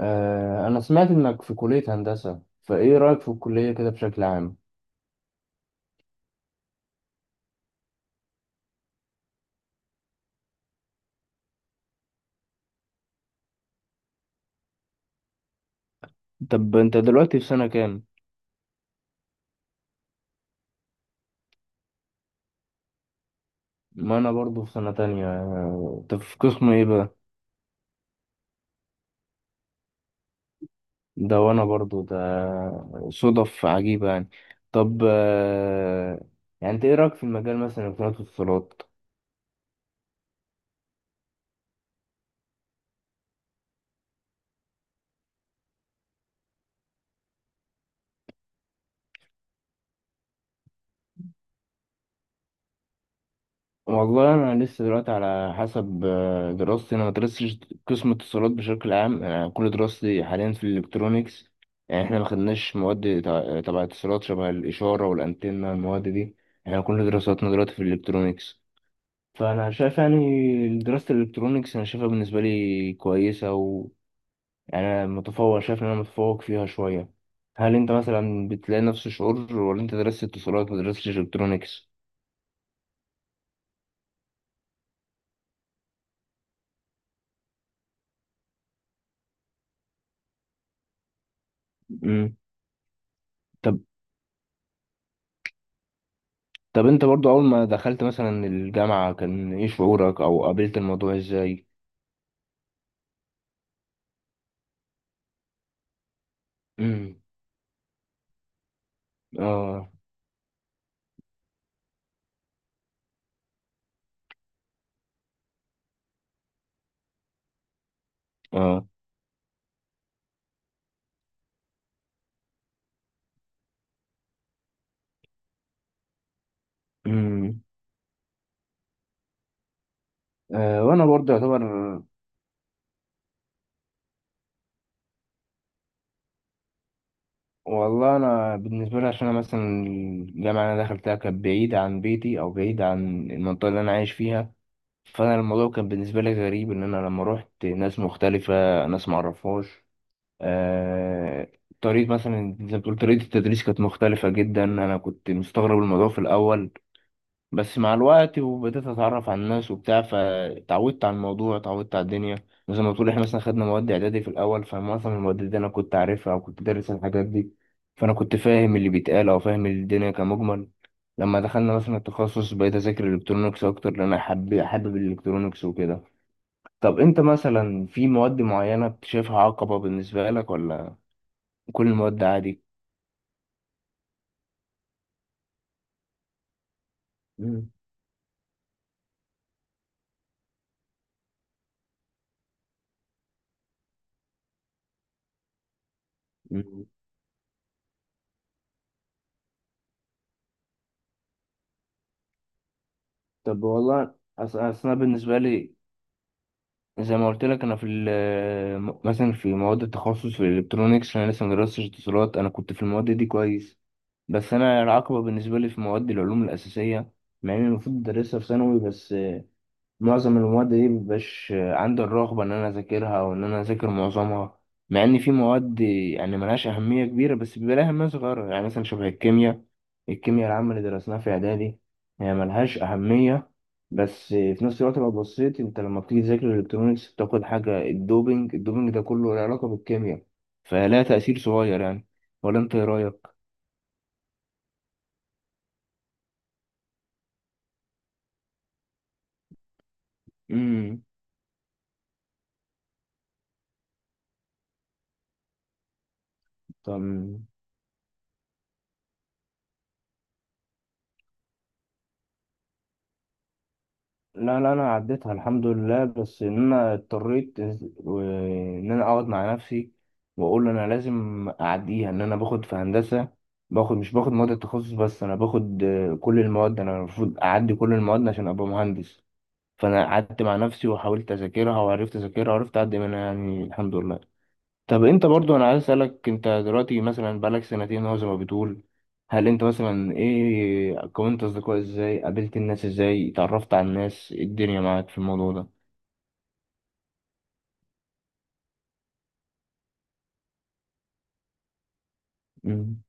أنا سمعت إنك في كلية هندسة، فإيه رأيك في الكلية كده بشكل عام؟ طب أنت دلوقتي في سنة كام؟ ما أنا برضو في سنة تانية، طب في قسم إيه بقى؟ ده وأنا برضو ده، صدف عجيبة يعني. طب، يعني أنت إيه رأيك في المجال مثلا الاتصالات؟ والله انا لسه دلوقتي على حسب دراستي. انا ما درستش قسم اتصالات بشكل عام، انا كل دراستي حاليا في الالكترونيكس. يعني احنا ما خدناش مواد تبع اتصالات، شبه الاشاره والانتنه، المواد دي. احنا كل دراستنا دلوقتي في الالكترونيكس. فانا شايف يعني دراسه الالكترونيكس، انا شايفها بالنسبه لي كويسه، و، يعني انا متفوق، شايف ان انا متفوق فيها شويه. هل انت مثلا بتلاقي نفس الشعور، ولا انت درست اتصالات ما درستش الكترونيكس؟ مم. طب انت برضو، اول ما دخلت مثلا الجامعة كان ايه شعورك، او قابلت الموضوع ازاي؟ امم. اه. اه. امم. آه، وانا برضو يعتبر. والله انا بالنسبة لي، عشان انا مثلا الجامعة اللي انا دخلتها كانت بعيدة عن بيتي، او بعيدة عن المنطقة اللي انا عايش فيها. فانا الموضوع كان بالنسبة لي غريب، ان انا لما روحت ناس مختلفة، ناس معرفهاش. آه. طريقة، مثلا زي ما بتقول، طريقة التدريس كانت مختلفة جدا. أنا كنت مستغرب الموضوع في الأول، بس مع الوقت وبدأت أتعرف على الناس وبتاع، فتعودت على الموضوع، تعودت على الدنيا. مثلا ما تقول، إحنا مثلا خدنا مواد إعدادي في الأول، فمعظم المواد دي أنا كنت عارفها أو كنت دارس الحاجات دي، فأنا كنت فاهم اللي بيتقال أو فاهم الدنيا كمجمل. لما دخلنا مثلا التخصص، بقيت أذاكر الإلكترونيكس أكتر، لأن أنا حابب الإلكترونيكس وكده. طب أنت مثلا في مواد معينة بتشوفها عقبة بالنسبة لك، ولا كل المواد عادي؟ مم. مم. طب والله، أصل أنا بالنسبة لي، زي ما قلت لك، انا في مثلا في مواد التخصص، في الالكترونيكس انا لسه مدرستش اتصالات، انا كنت في المواد دي كويس. بس انا العقبه بالنسبه لي في مواد العلوم الاساسيه، مع اني المفروض ادرسها في ثانوي. بس معظم المواد دي مبيبقاش عندي الرغبة إن أنا أذاكرها، أو إن أنا أذاكر معظمها. مع إن في مواد يعني ملهاش أهمية كبيرة، بس بيبقى لها أهمية صغيرة، يعني مثلا شبه الكيمياء. الكيمياء العامة اللي درسناها في إعدادي، هي ملهاش أهمية، بس في نفس الوقت لو بصيت، أنت لما بتيجي تذاكر الإلكترونيكس بتاخد حاجة الدوبينج ده كله له علاقة بالكيمياء. فلها تأثير صغير يعني. ولا أنت إيه رأيك؟ امم. طب، لا، لا، انا عديتها الحمد لله، بس ان انا اضطريت، و- ان انا اقعد مع نفسي واقول انا لازم اعديها، ان انا باخد في هندسه. باخد، مش باخد مواد التخصص بس، انا باخد كل المواد. انا المفروض اعدي كل المواد عشان ابقى مهندس. فانا قعدت مع نفسي وحاولت اذاكرها، وعرفت اذاكرها وعرفت اعدي منها، يعني الحمد لله. طب انت برضو، انا عايز اسالك، انت دلوقتي مثلا بقالك سنتين اهو زي ما بتقول، هل انت مثلا، ايه، كونت اصدقاء ازاي، قابلت الناس ازاي، اتعرفت على الناس ايه الدنيا معاك في الموضوع ده؟ مم.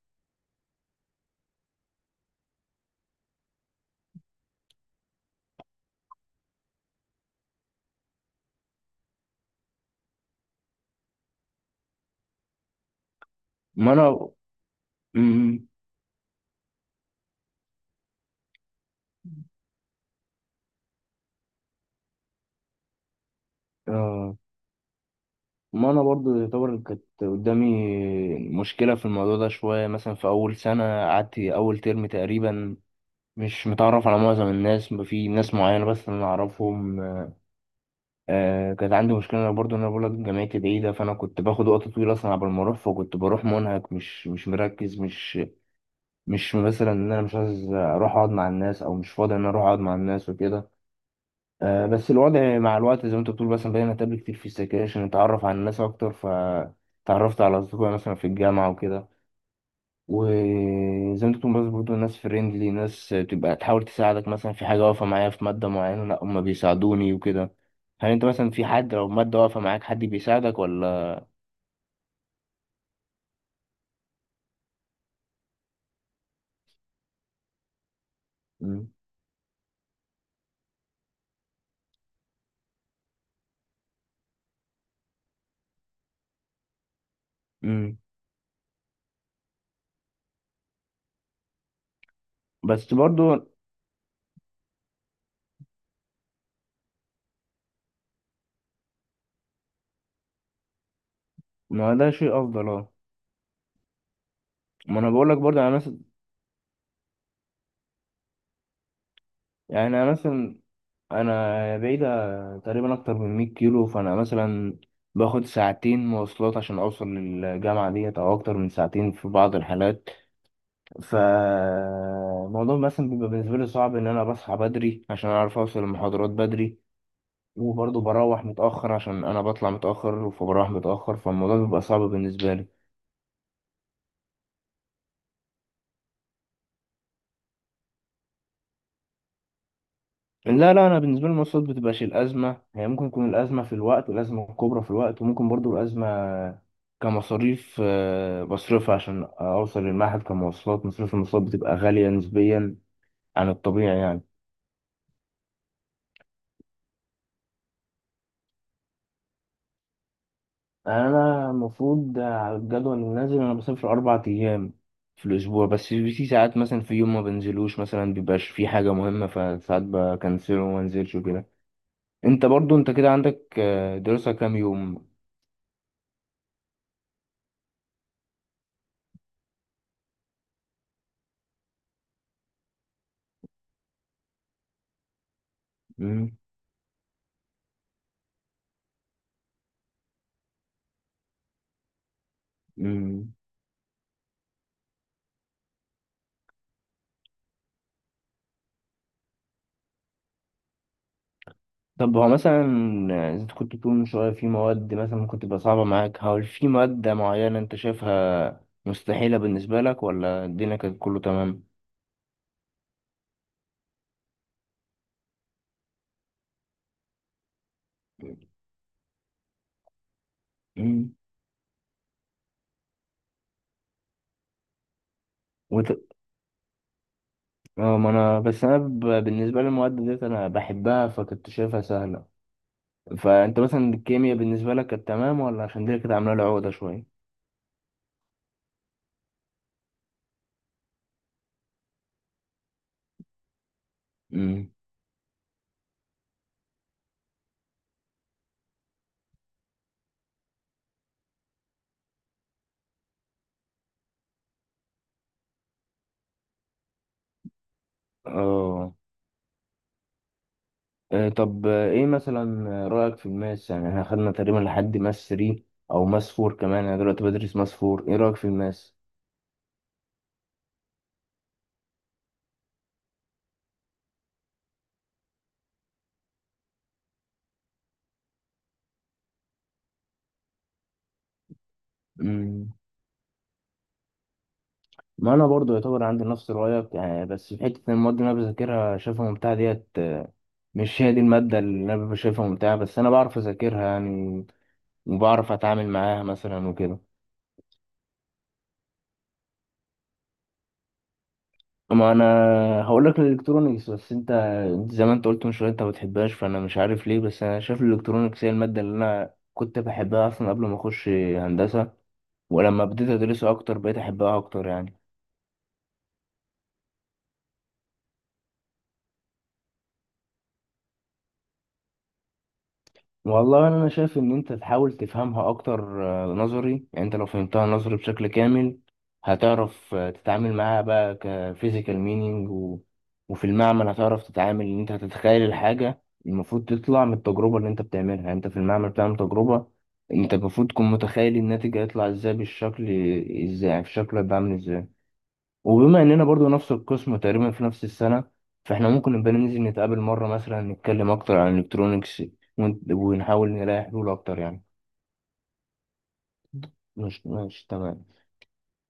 ما انا. مم. آه. ما انا برضو يعتبر كانت قدامي مشكله في الموضوع ده شويه، مثلا في اول سنه قعدت اول ترم تقريبا مش متعرف على معظم الناس، في ناس معينه بس انا اعرفهم. آه، كانت عندي مشكلة أنا برضو، إن أنا بقولك جامعتي بعيدة، فأنا كنت باخد وقت طويل أصلا قبل ما أروح، فكنت بروح منهك، مش مركز، مش مثلا إن أنا مش عايز أروح أقعد مع الناس، أو مش فاضي إن أنا أروح أقعد مع الناس وكده. آه، بس الوضع مع الوقت، زي ما أنت بتقول، مثلا بقينا نتقابل كتير في السكاشن، نتعرف على الناس أكتر، فتعرفت على أصدقاء مثلا في الجامعة وكده. وزي ما انت بتقول، برضه ناس فريندلي، ناس تبقى تحاول تساعدك مثلا في حاجة واقفة معايا في مادة معينة، لا هما بيساعدوني وكده. هل انت مثلا في حد، لو مادة واقفة معاك حد بيساعدك ولا؟ مم. مم. بس برضه. ما ده شيء أفضل، اه. ما أنا بقول لك برضه، أنا مثلا، يعني أنا مثلا، أنا بعيدة تقريبا أكتر من 100 كيلو، فأنا مثلا باخد ساعتين مواصلات عشان أوصل للجامعة ديت، أو أكتر من ساعتين في بعض الحالات. فالموضوع مثلا بيبقى بالنسبة لي صعب، إن أنا بصحى بدري عشان أعرف أوصل المحاضرات بدري، وبرضه بروح متأخر عشان أنا بطلع متأخر، فبروح متأخر، فالموضوع بيبقى صعب بالنسبة لي. لا، لا، أنا بالنسبة لي المواصلات بتبقاش الأزمة، هي ممكن تكون الأزمة في الوقت، والأزمة الكبرى في الوقت، وممكن برضه الأزمة كمصاريف بصرفها عشان أوصل للمعهد كمواصلات. مصاريف المواصلات بتبقى غالية نسبيا عن الطبيعي يعني. انا المفروض على الجدول اللي نازل، انا بسافر 4 ايام في الاسبوع، بس في ساعات مثلا في يوم ما بنزلوش، مثلا بيبقاش في حاجه مهمه، فساعات بكنسله وما انزلش وكده. انت برضو، انت كده عندك دراسه كام يوم؟ مم. مم. طب هو مثلا، انت كنت بتقول من شويه في مواد مثلا ممكن تبقى صعبه معاك، هل في ماده معينه انت شايفها مستحيله بالنسبه لك، ولا الدنيا كانت كله تمام؟ مم. اه. ما انا، بس انا بالنسبه للمواد ديت انا بحبها، فكنت شايفها سهله. فانت مثلا الكيمياء بالنسبه لك كانت تمام، ولا؟ عشان دي كانت عامله لي عقده شويه. امم. اه. طب، ايه مثلا رايك في الماس؟ يعني احنا خدنا تقريبا لحد ماس 3 او ماس 4 كمان، انا دلوقتي بدرس ماس 4. ايه رايك في الماس؟ امم. ما انا برضو يعتبر عندي نفس رايك يعني، بس في حته إن المواد اللي انا بذاكرها شايفها ممتعه ديت، مش هي دي الماده اللي انا ببقى شايفها ممتعه، بس انا بعرف اذاكرها يعني، وبعرف اتعامل معاها مثلا وكده. ما انا هقول لك الالكترونيكس، بس انت زي ما انت قلت من شويه انت ما بتحبهاش، فانا مش عارف ليه. بس انا شايف الالكترونيكس هي الماده اللي انا كنت بحبها اصلا قبل ما اخش هندسه، ولما بديت ادرسها اكتر بقيت احبها اكتر يعني. والله انا شايف ان انت تحاول تفهمها اكتر، نظري يعني. انت لو فهمتها نظري بشكل كامل، هتعرف تتعامل معاها بقى كفيزيكال مينينج، وفي المعمل هتعرف تتعامل، ان انت هتتخيل الحاجة المفروض تطلع من التجربة اللي انت بتعملها. يعني انت في المعمل بتعمل تجربة، انت المفروض تكون متخيل الناتج هيطلع ازاي بالشكل، ازاي يعني في شكله هيبقى عامل ازاي. وبما اننا برضو نفس القسم تقريبا في نفس السنه، فاحنا ممكن نبقى ننزل نتقابل مره مثلا، نتكلم اكتر عن الالكترونيكس، ونحاول نلاقي حلول اكتر يعني. مش تمام.